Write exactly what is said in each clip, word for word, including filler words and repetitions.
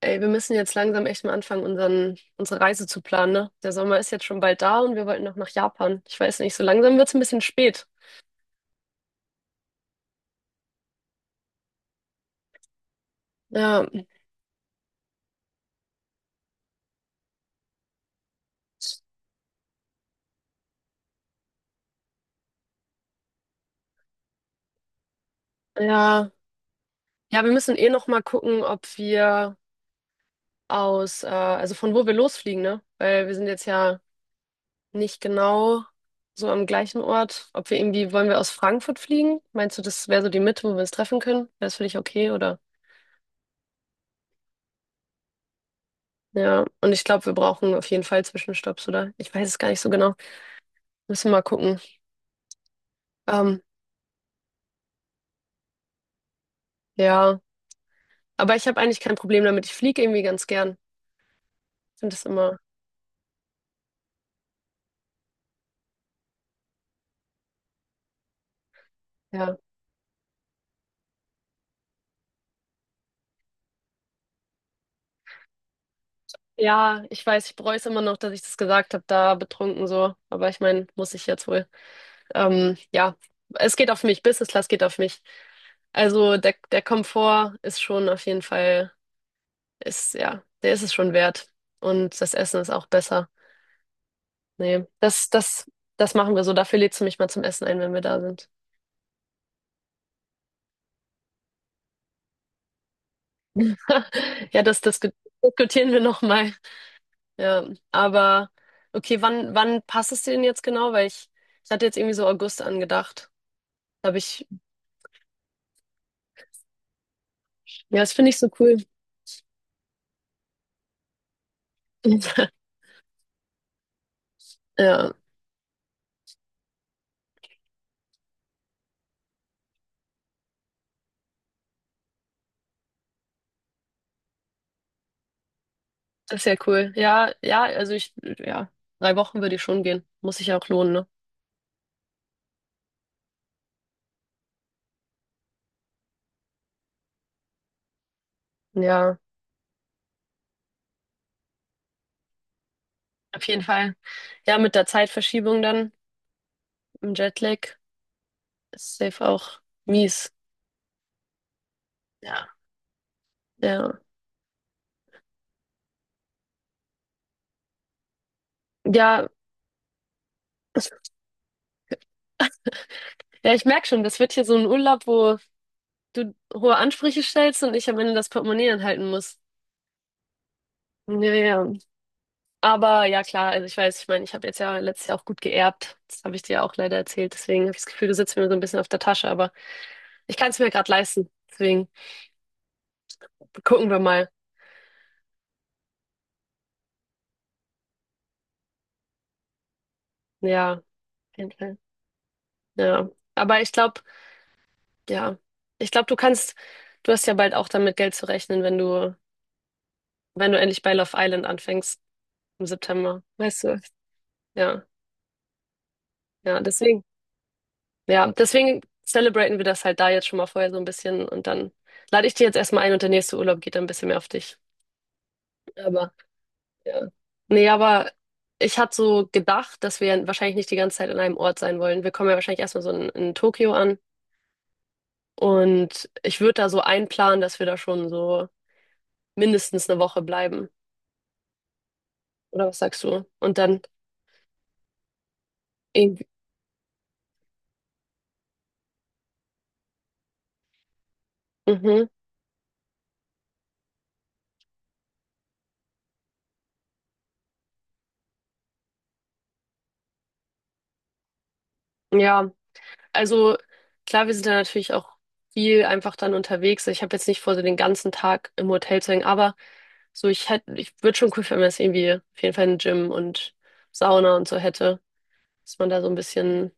Ey, wir müssen jetzt langsam echt mal anfangen, unseren, unsere Reise zu planen, ne? Der Sommer ist jetzt schon bald da und wir wollten noch nach Japan. Ich weiß nicht, so langsam wird's ein bisschen spät. Ja, ja. Ja, wir müssen eh noch mal gucken, ob wir aus, äh, also von wo wir losfliegen, ne? Weil wir sind jetzt ja nicht genau so am gleichen Ort. Ob wir irgendwie, wollen wir aus Frankfurt fliegen? Meinst du, das wäre so die Mitte, wo wir uns treffen können? Wäre das für dich okay, oder? Ja, und ich glaube, wir brauchen auf jeden Fall Zwischenstopps, oder? Ich weiß es gar nicht so genau. Müssen wir mal gucken. Ähm, ja. Aber ich habe eigentlich kein Problem damit. Ich fliege irgendwie ganz gern. Ich finde das immer, ja. Ja, ich weiß, ich bereue es immer noch, dass ich das gesagt habe, da betrunken so. Aber ich meine, muss ich jetzt wohl. Ähm, ja, es geht auf mich. Business Class geht auf mich. Also der, der Komfort ist schon auf jeden Fall, ist, ja, der ist es schon wert. Und das Essen ist auch besser. Nee, das, das, das machen wir so. Dafür lädst du mich mal zum Essen ein, wenn wir da sind. Ja, das, das diskutieren wir nochmal. Ja, aber okay, wann, wann passt es dir denn jetzt genau? Weil ich, ich hatte jetzt irgendwie so August angedacht. Da Hab ich, ja, das finde ich so cool. Ja, das ist ja cool. Ja, ja, also ich, ja, drei Wochen würde ich schon gehen. Muss sich ja auch lohnen, ne? Ja, auf jeden Fall. Ja, mit der Zeitverschiebung dann im Jetlag ist safe auch mies. Ja, ja, ja. Ja, ich merke schon, das wird hier so ein Urlaub, wo du hohe Ansprüche stellst und ich am Ende das Portemonnaie anhalten muss. Ja, ja, ja. Aber ja, klar, also ich weiß, ich meine, ich habe jetzt ja letztes Jahr auch gut geerbt. Das habe ich dir ja auch leider erzählt. Deswegen habe ich das Gefühl, du sitzt mir so ein bisschen auf der Tasche, aber ich kann es mir gerade leisten. Deswegen gucken wir mal. Ja, auf jeden Fall. Ja. Aber ich glaube, ja, ich glaube, du kannst, du hast ja bald auch damit Geld zu rechnen, wenn du, wenn du endlich bei Love Island anfängst im September. Weißt du? Ja, ja, deswegen. Ja, deswegen celebraten wir das halt da jetzt schon mal vorher so ein bisschen und dann lade ich dir jetzt erstmal ein und der nächste Urlaub geht dann ein bisschen mehr auf dich. aber Ja. Nee, aber ich hatte so gedacht, dass wir wahrscheinlich nicht die ganze Zeit an einem Ort sein wollen. Wir kommen ja wahrscheinlich erstmal so in, in Tokio an. Und ich würde da so einplanen, dass wir da schon so mindestens eine Woche bleiben. Oder was sagst du? Und dann irgendwie, mhm, ja. Also klar, wir sind da natürlich auch viel einfach dann unterwegs. Ich habe jetzt nicht vor, so den ganzen Tag im Hotel zu hängen, aber so ich hätte, ich würde schon cool finden, wenn es irgendwie auf jeden Fall ein Gym und Sauna und so hätte, dass man da so ein bisschen,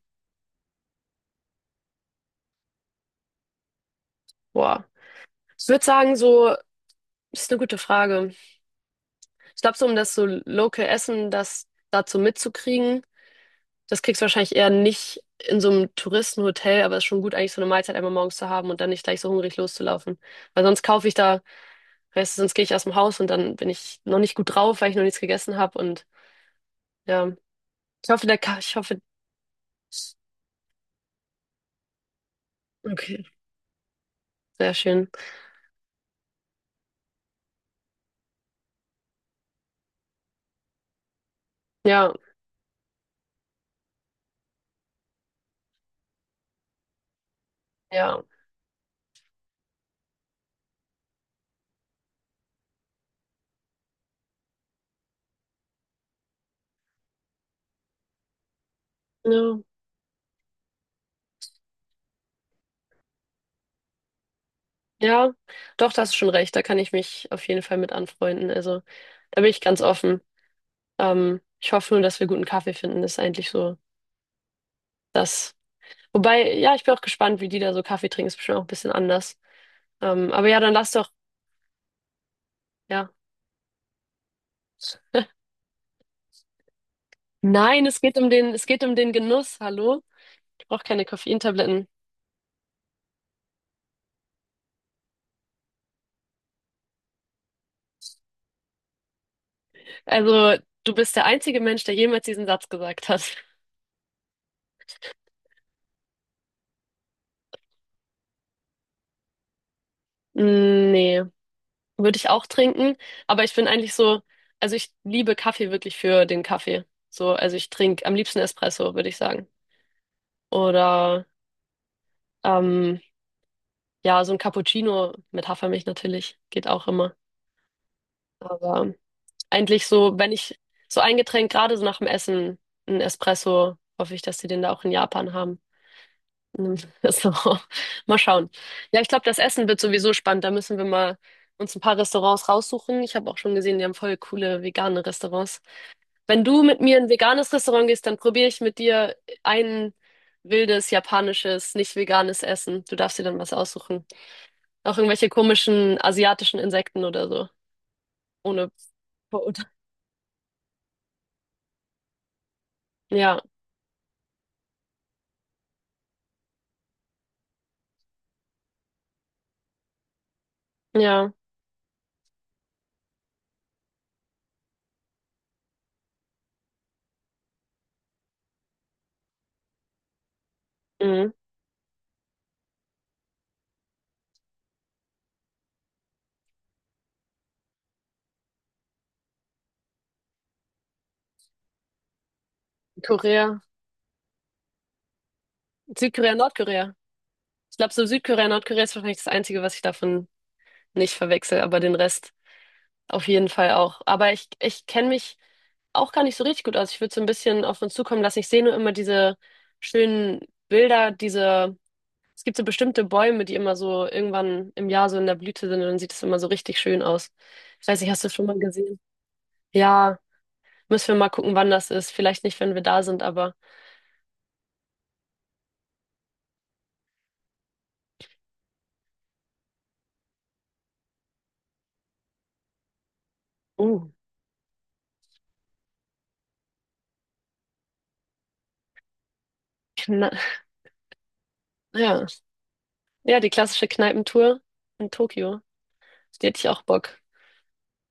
boah. Ich würde sagen, so, ist eine gute Frage. Ich glaube, so um das so Local Essen, das dazu mitzukriegen, das kriegst du wahrscheinlich eher nicht in so einem Touristenhotel, aber es ist schon gut, eigentlich so eine Mahlzeit einmal morgens zu haben und dann nicht gleich so hungrig loszulaufen. Weil sonst kaufe ich da, weißt du, sonst gehe ich aus dem Haus und dann bin ich noch nicht gut drauf, weil ich noch nichts gegessen habe und ja. Ich hoffe, der Ka ich hoffe, okay, sehr schön. Ja, ja, ja, ja, doch, da hast du schon recht, da kann ich mich auf jeden Fall mit anfreunden, also. Da bin ich ganz offen. Ähm, ich hoffe nur, dass wir guten Kaffee finden. Das ist eigentlich so das. Wobei, ja, ich bin auch gespannt, wie die da so Kaffee trinken. Ist bestimmt auch ein bisschen anders. Ähm, aber ja, dann lass doch, ja. Nein, es geht um den, es geht um den Genuss. Hallo? Ich brauche keine Koffeintabletten. Also, du bist der einzige Mensch, der jemals diesen Satz gesagt hat. Mm, nee, würde ich auch trinken. Aber ich bin eigentlich so, also ich liebe Kaffee wirklich für den Kaffee. So, also ich trinke am liebsten Espresso, würde ich sagen. Oder, ähm, Ja, so ein Cappuccino mit Hafermilch natürlich geht auch immer. Aber eigentlich so, wenn ich so ein Getränk gerade so nach dem Essen, ein Espresso, hoffe ich, dass sie den da auch in Japan haben. In einem Restaurant. Mal schauen. Ja, ich glaube, das Essen wird sowieso spannend. Da müssen wir mal uns ein paar Restaurants raussuchen. Ich habe auch schon gesehen, die haben voll coole vegane Restaurants. Wenn du mit mir in ein veganes Restaurant gehst, dann probiere ich mit dir ein wildes japanisches, nicht veganes Essen. Du darfst dir dann was aussuchen. Auch irgendwelche komischen asiatischen Insekten oder so. Ohne. Verurteilt. Ja, ja. Mhm. Korea. Südkorea, Nordkorea. Ich glaube, so Südkorea, Nordkorea ist wahrscheinlich das Einzige, was ich davon nicht verwechsel, aber den Rest auf jeden Fall auch. Aber ich, ich kenne mich auch gar nicht so richtig gut aus. Ich würde so ein bisschen auf uns zukommen lassen. Ich sehe nur immer diese schönen Bilder, diese, es gibt so bestimmte Bäume, die immer so irgendwann im Jahr so in der Blüte sind und dann sieht es immer so richtig schön aus. Ich weiß nicht, hast du schon mal gesehen? Ja. Müssen wir mal gucken, wann das ist. Vielleicht nicht, wenn wir da sind, aber. Uh. Na, ja. Ja, die klassische Kneipentour in Tokio. Die hätte ich auch Bock.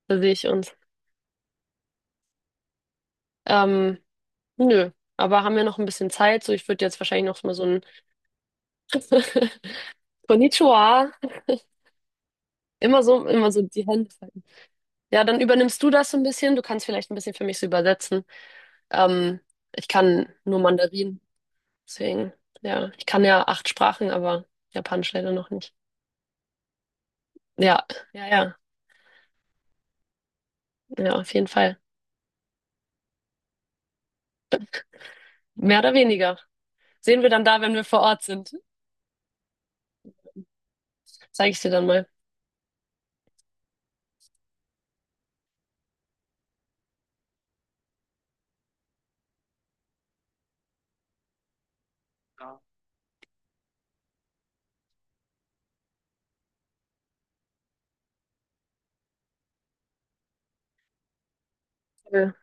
Da sehe ich uns. Ähm, Nö. Aber haben wir noch ein bisschen Zeit? So, ich würde jetzt wahrscheinlich noch mal so ein Konnichiwa. Immer so, immer so die Hände falten. Ja, dann übernimmst du das so ein bisschen. Du kannst vielleicht ein bisschen für mich so übersetzen. Ähm, Ich kann nur Mandarin. Deswegen, ja. Ich kann ja acht Sprachen, aber Japanisch leider noch nicht. Ja, ja, ja. Ja, auf jeden Fall. Mehr oder weniger. Sehen wir dann da, wenn wir vor Ort sind. Zeige ich dir dann mal. Ja. Cool.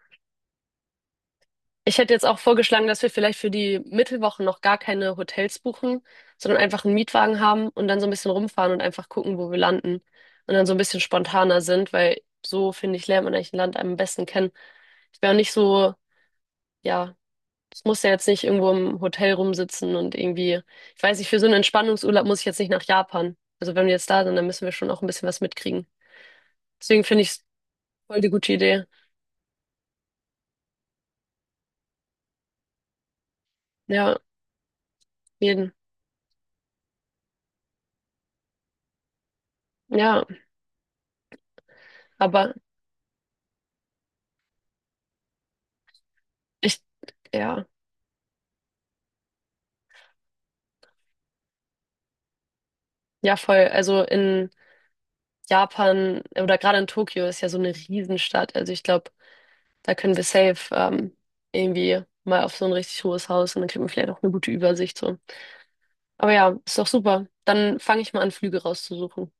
Ich hätte jetzt auch vorgeschlagen, dass wir vielleicht für die Mittelwochen noch gar keine Hotels buchen, sondern einfach einen Mietwagen haben und dann so ein bisschen rumfahren und einfach gucken, wo wir landen. Und dann so ein bisschen spontaner sind, weil so, finde ich, lernt man eigentlich ein Land am besten kennen. Ich wäre auch nicht so, ja, es muss ja jetzt nicht irgendwo im Hotel rumsitzen und irgendwie, ich weiß nicht, für so einen Entspannungsurlaub muss ich jetzt nicht nach Japan. Also wenn wir jetzt da sind, dann müssen wir schon auch ein bisschen was mitkriegen. Deswegen finde ich es voll die gute Idee. Ja, jeden. Ja, aber ich, ja, ja, voll. Also in Japan oder gerade in Tokio ist ja so eine Riesenstadt. Also ich glaube, da können wir safe ähm, irgendwie mal auf so ein richtig hohes Haus und dann kriegt man vielleicht auch eine gute Übersicht so. Aber ja, ist doch super. Dann fange ich mal an, Flüge rauszusuchen.